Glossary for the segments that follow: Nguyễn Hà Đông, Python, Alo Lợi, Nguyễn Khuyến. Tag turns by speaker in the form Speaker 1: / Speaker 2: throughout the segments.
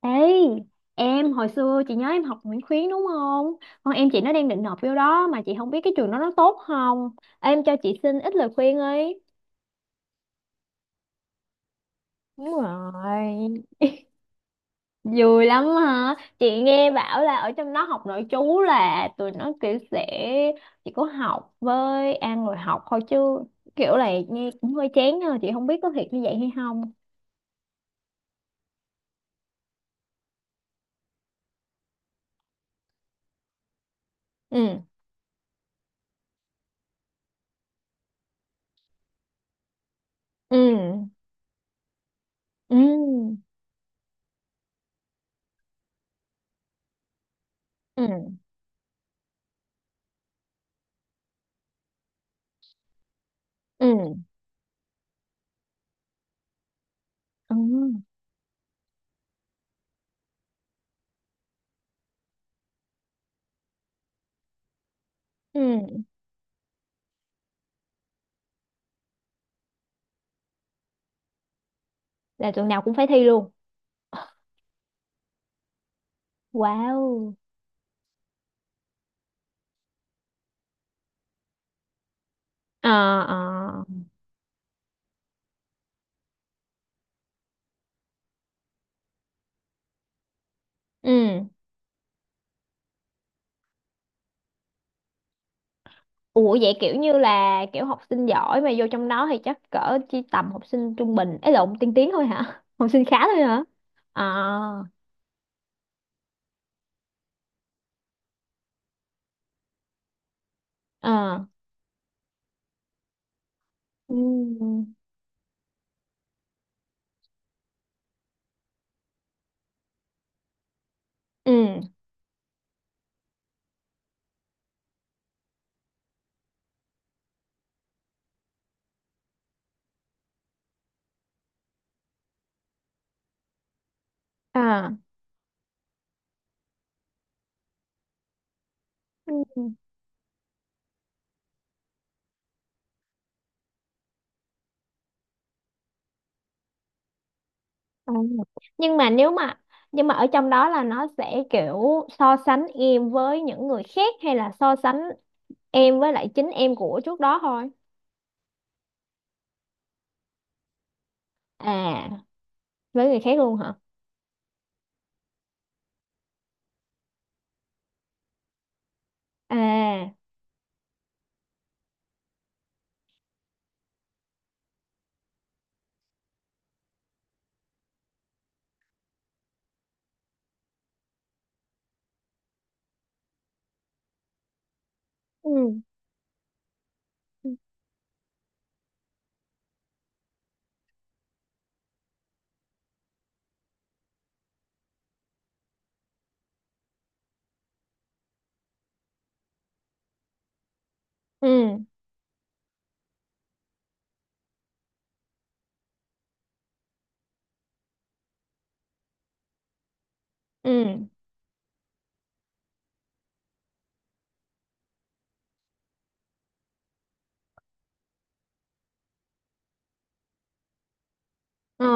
Speaker 1: Ê, em hồi xưa chị nhớ em học Nguyễn Khuyến đúng không? Con em chị nó đang định nộp vô đó mà chị không biết cái trường đó nó tốt không. Em cho chị xin ít lời khuyên ấy. Đúng rồi. Vui lắm hả? Chị nghe bảo là ở trong đó học nội trú là tụi nó kiểu sẽ chỉ có học với ăn rồi học thôi chứ kiểu là nghe cũng hơi chán nha, chị không biết có thiệt như vậy hay không. Ừ. Ừ. Ừ. Ừ. Ừ. Ừ. Ừ. Là tuần nào cũng phải thi luôn. Wow. Ờ. Ờ. Ừ. Ủa, vậy kiểu như là kiểu học sinh giỏi mà vô trong đó thì chắc cỡ chỉ tầm học sinh trung bình ấy lộn tiên tiến thôi hả học sinh khá thôi hả? Ờ. Ờ. Ừ. Ừ. À. Ừ. Ờ. nhưng mà nếu mà nhưng mà ở trong đó là nó sẽ kiểu so sánh em với những người khác hay là so sánh em với lại chính em của trước đó thôi. À, với người khác luôn hả? À. Ừ. Ừ. Ừ. Ờ.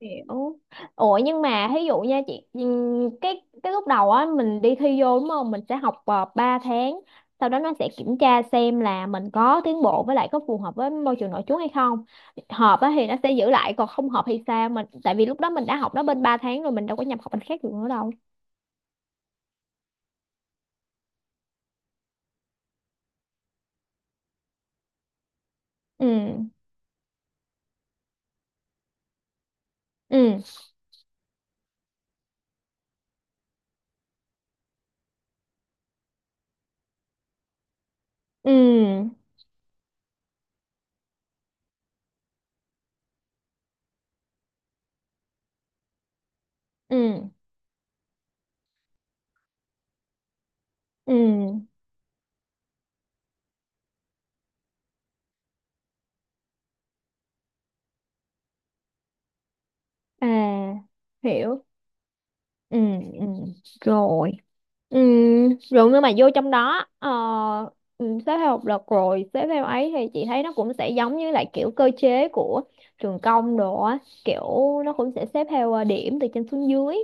Speaker 1: Hiểu. Ủa, nhưng mà ví dụ nha chị, cái lúc đầu á mình đi thi vô đúng không, mình sẽ học 3 tháng, sau đó nó sẽ kiểm tra xem là mình có tiến bộ với lại có phù hợp với môi trường nội trú hay không, hợp á thì nó sẽ giữ lại, còn không hợp thì sao mình, tại vì lúc đó mình đã học nó bên 3 tháng rồi mình đâu có nhập học bên khác được nữa đâu. Ừ. Ừ. Ừ. Ừ. Ừ. À. Hiểu. Ừ. Ừ. Rồi. Ừ, rồi nhưng mà vô trong đó, xếp theo học lực rồi xếp theo ấy thì chị thấy nó cũng sẽ giống như lại kiểu cơ chế của trường công đồ á, kiểu nó cũng sẽ xếp theo điểm từ trên xuống dưới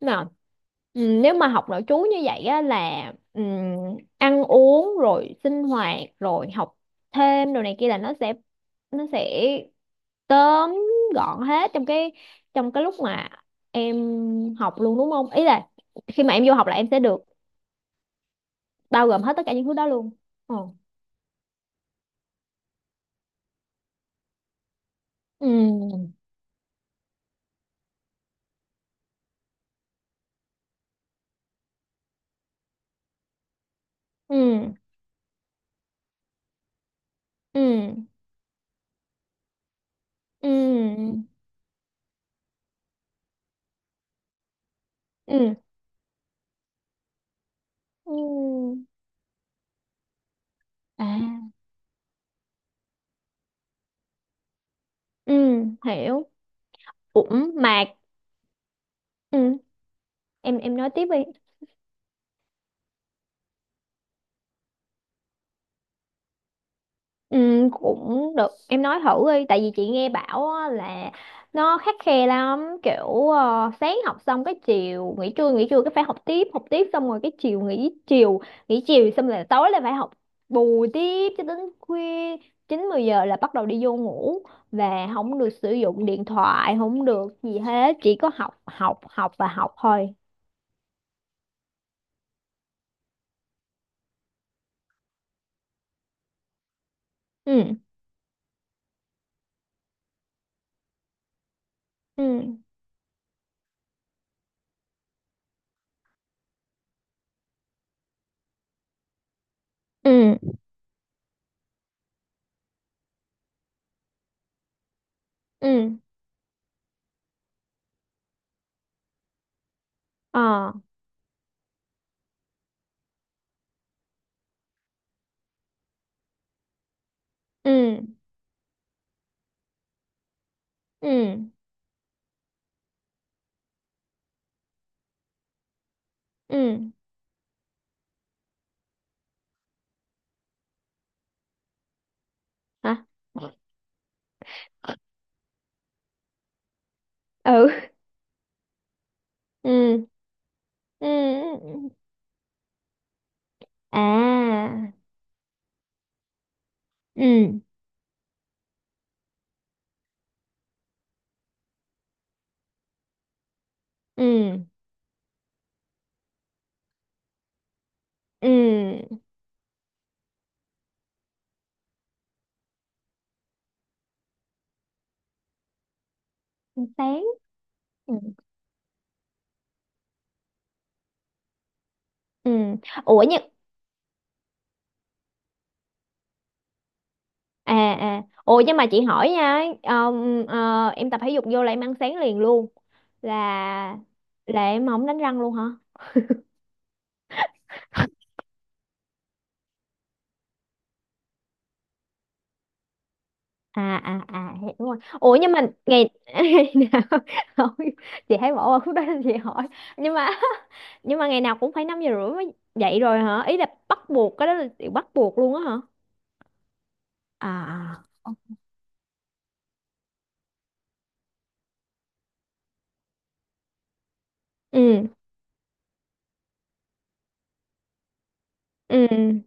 Speaker 1: nào. Ừ, nếu mà học nội trú như vậy á là ừ, ăn uống rồi sinh hoạt rồi học thêm đồ này kia là nó sẽ tóm gọn hết trong cái lúc mà em học luôn đúng không, ý là khi mà em vô học là em sẽ được bao gồm hết tất cả những thứ đó luôn. Ừ. Ừ. Ừ. Ừ. Ừ. Ừ. Ừ. À. Ừ. Hiểu. Cũng mạc. Ừ, em nói tiếp đi. Ừ, cũng được em nói thử đi tại vì chị nghe bảo á là nó khắt khe lắm kiểu sáng học xong cái chiều nghỉ trưa, nghỉ trưa cái phải học tiếp xong rồi cái chiều nghỉ chiều nghỉ chiều xong là tối là phải học bù tiếp cho đến khuya, chín mười giờ là bắt đầu đi vô ngủ và không được sử dụng điện thoại không được gì hết, chỉ có học học học và học thôi. Ừ. Ừ. Ừ. Ừ. Ờ. Ừ. Ừ. Ừ. Hả? Ừ. Ừ. Ừ. Ừ. À. Ừ. Ừ. Ừ. Sáng. Ừ. Ừ. ủa nhưng à ủa nhưng mà chị hỏi nha, em tập thể dục vô là em ăn sáng liền luôn, là là em không đánh răng luôn hả? À. À. À, hiểu rồi. Ủa, nhưng mà ngày ngày nào? Không, chị thấy bỏ qua khúc đó nên chị hỏi. Nhưng mà nhưng mà ngày nào cũng phải 5h30 mới dậy rồi hả, ý là bắt buộc cái đó là điều bắt buộc luôn á hả? À. À. Ừ. Ừ.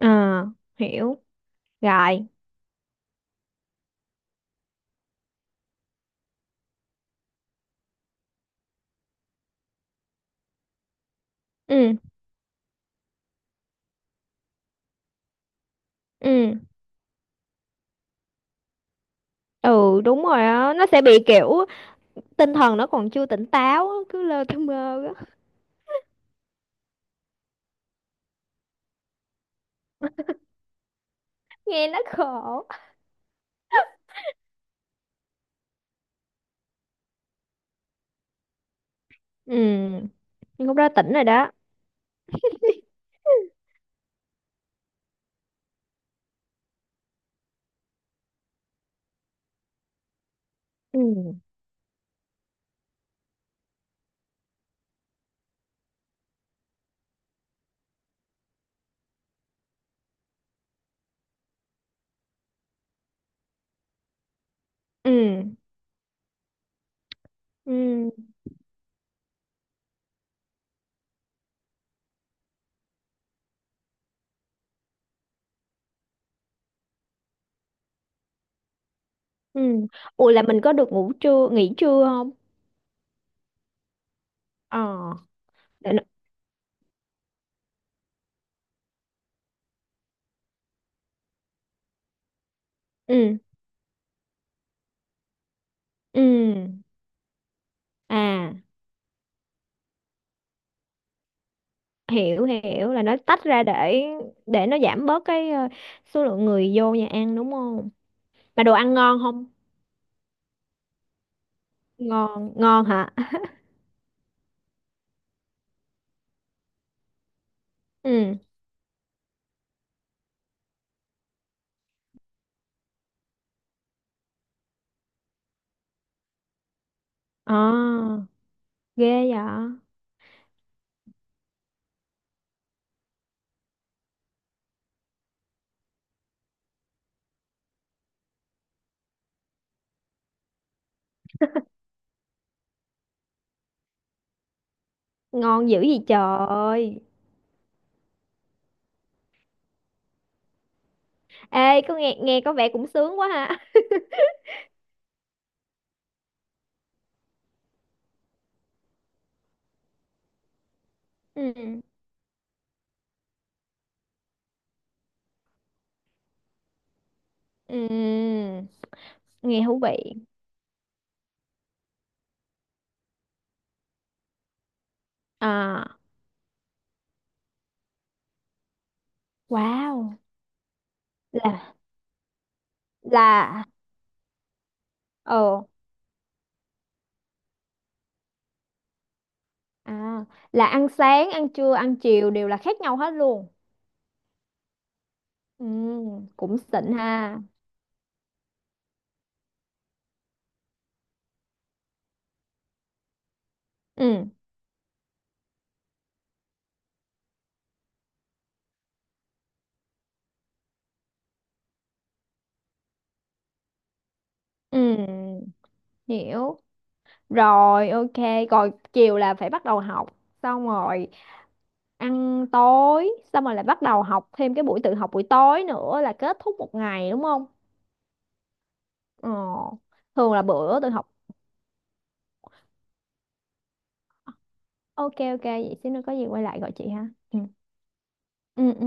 Speaker 1: À, hiểu rồi. Ừ. Ừ. Ừ, đúng rồi á, nó sẽ bị kiểu tinh thần nó còn chưa tỉnh táo á, cứ lơ thơ mơ á. Nghe nó khổ. Ừ, nhưng lúc đó tỉnh rồi đó. Ừ. Ừ. Ừ. Ừ. Ủa, là mình có được ngủ trưa nghỉ trưa không? Ờ. Để nó... Ừ. Ừ. À, hiểu, hiểu là nó tách ra để nó giảm bớt cái số lượng người vô nhà ăn đúng không? Mà đồ ăn ngon không? Ngon, ngon hả? Ừ. À, ghê vậy. Ngon dữ gì trời. Ê, có nghe nghe có vẻ cũng sướng quá ha. Ừ. Ừ. Nghe thú vị. À. Wow. Là là. Ồ. À, là ăn sáng ăn trưa ăn chiều đều là khác nhau hết luôn. Ừ. Cũng xịn ha. Ừ. Ừ. Hiểu. Rồi, ok, rồi chiều là phải bắt đầu học, xong rồi ăn tối, xong rồi lại bắt đầu học thêm cái buổi tự học buổi tối nữa là kết thúc một ngày đúng không? Ờ, thường là bữa tự học. Ok, ok, vậy xíu nữa có gì quay lại gọi chị ha. Ừ. Ừ. Ừ.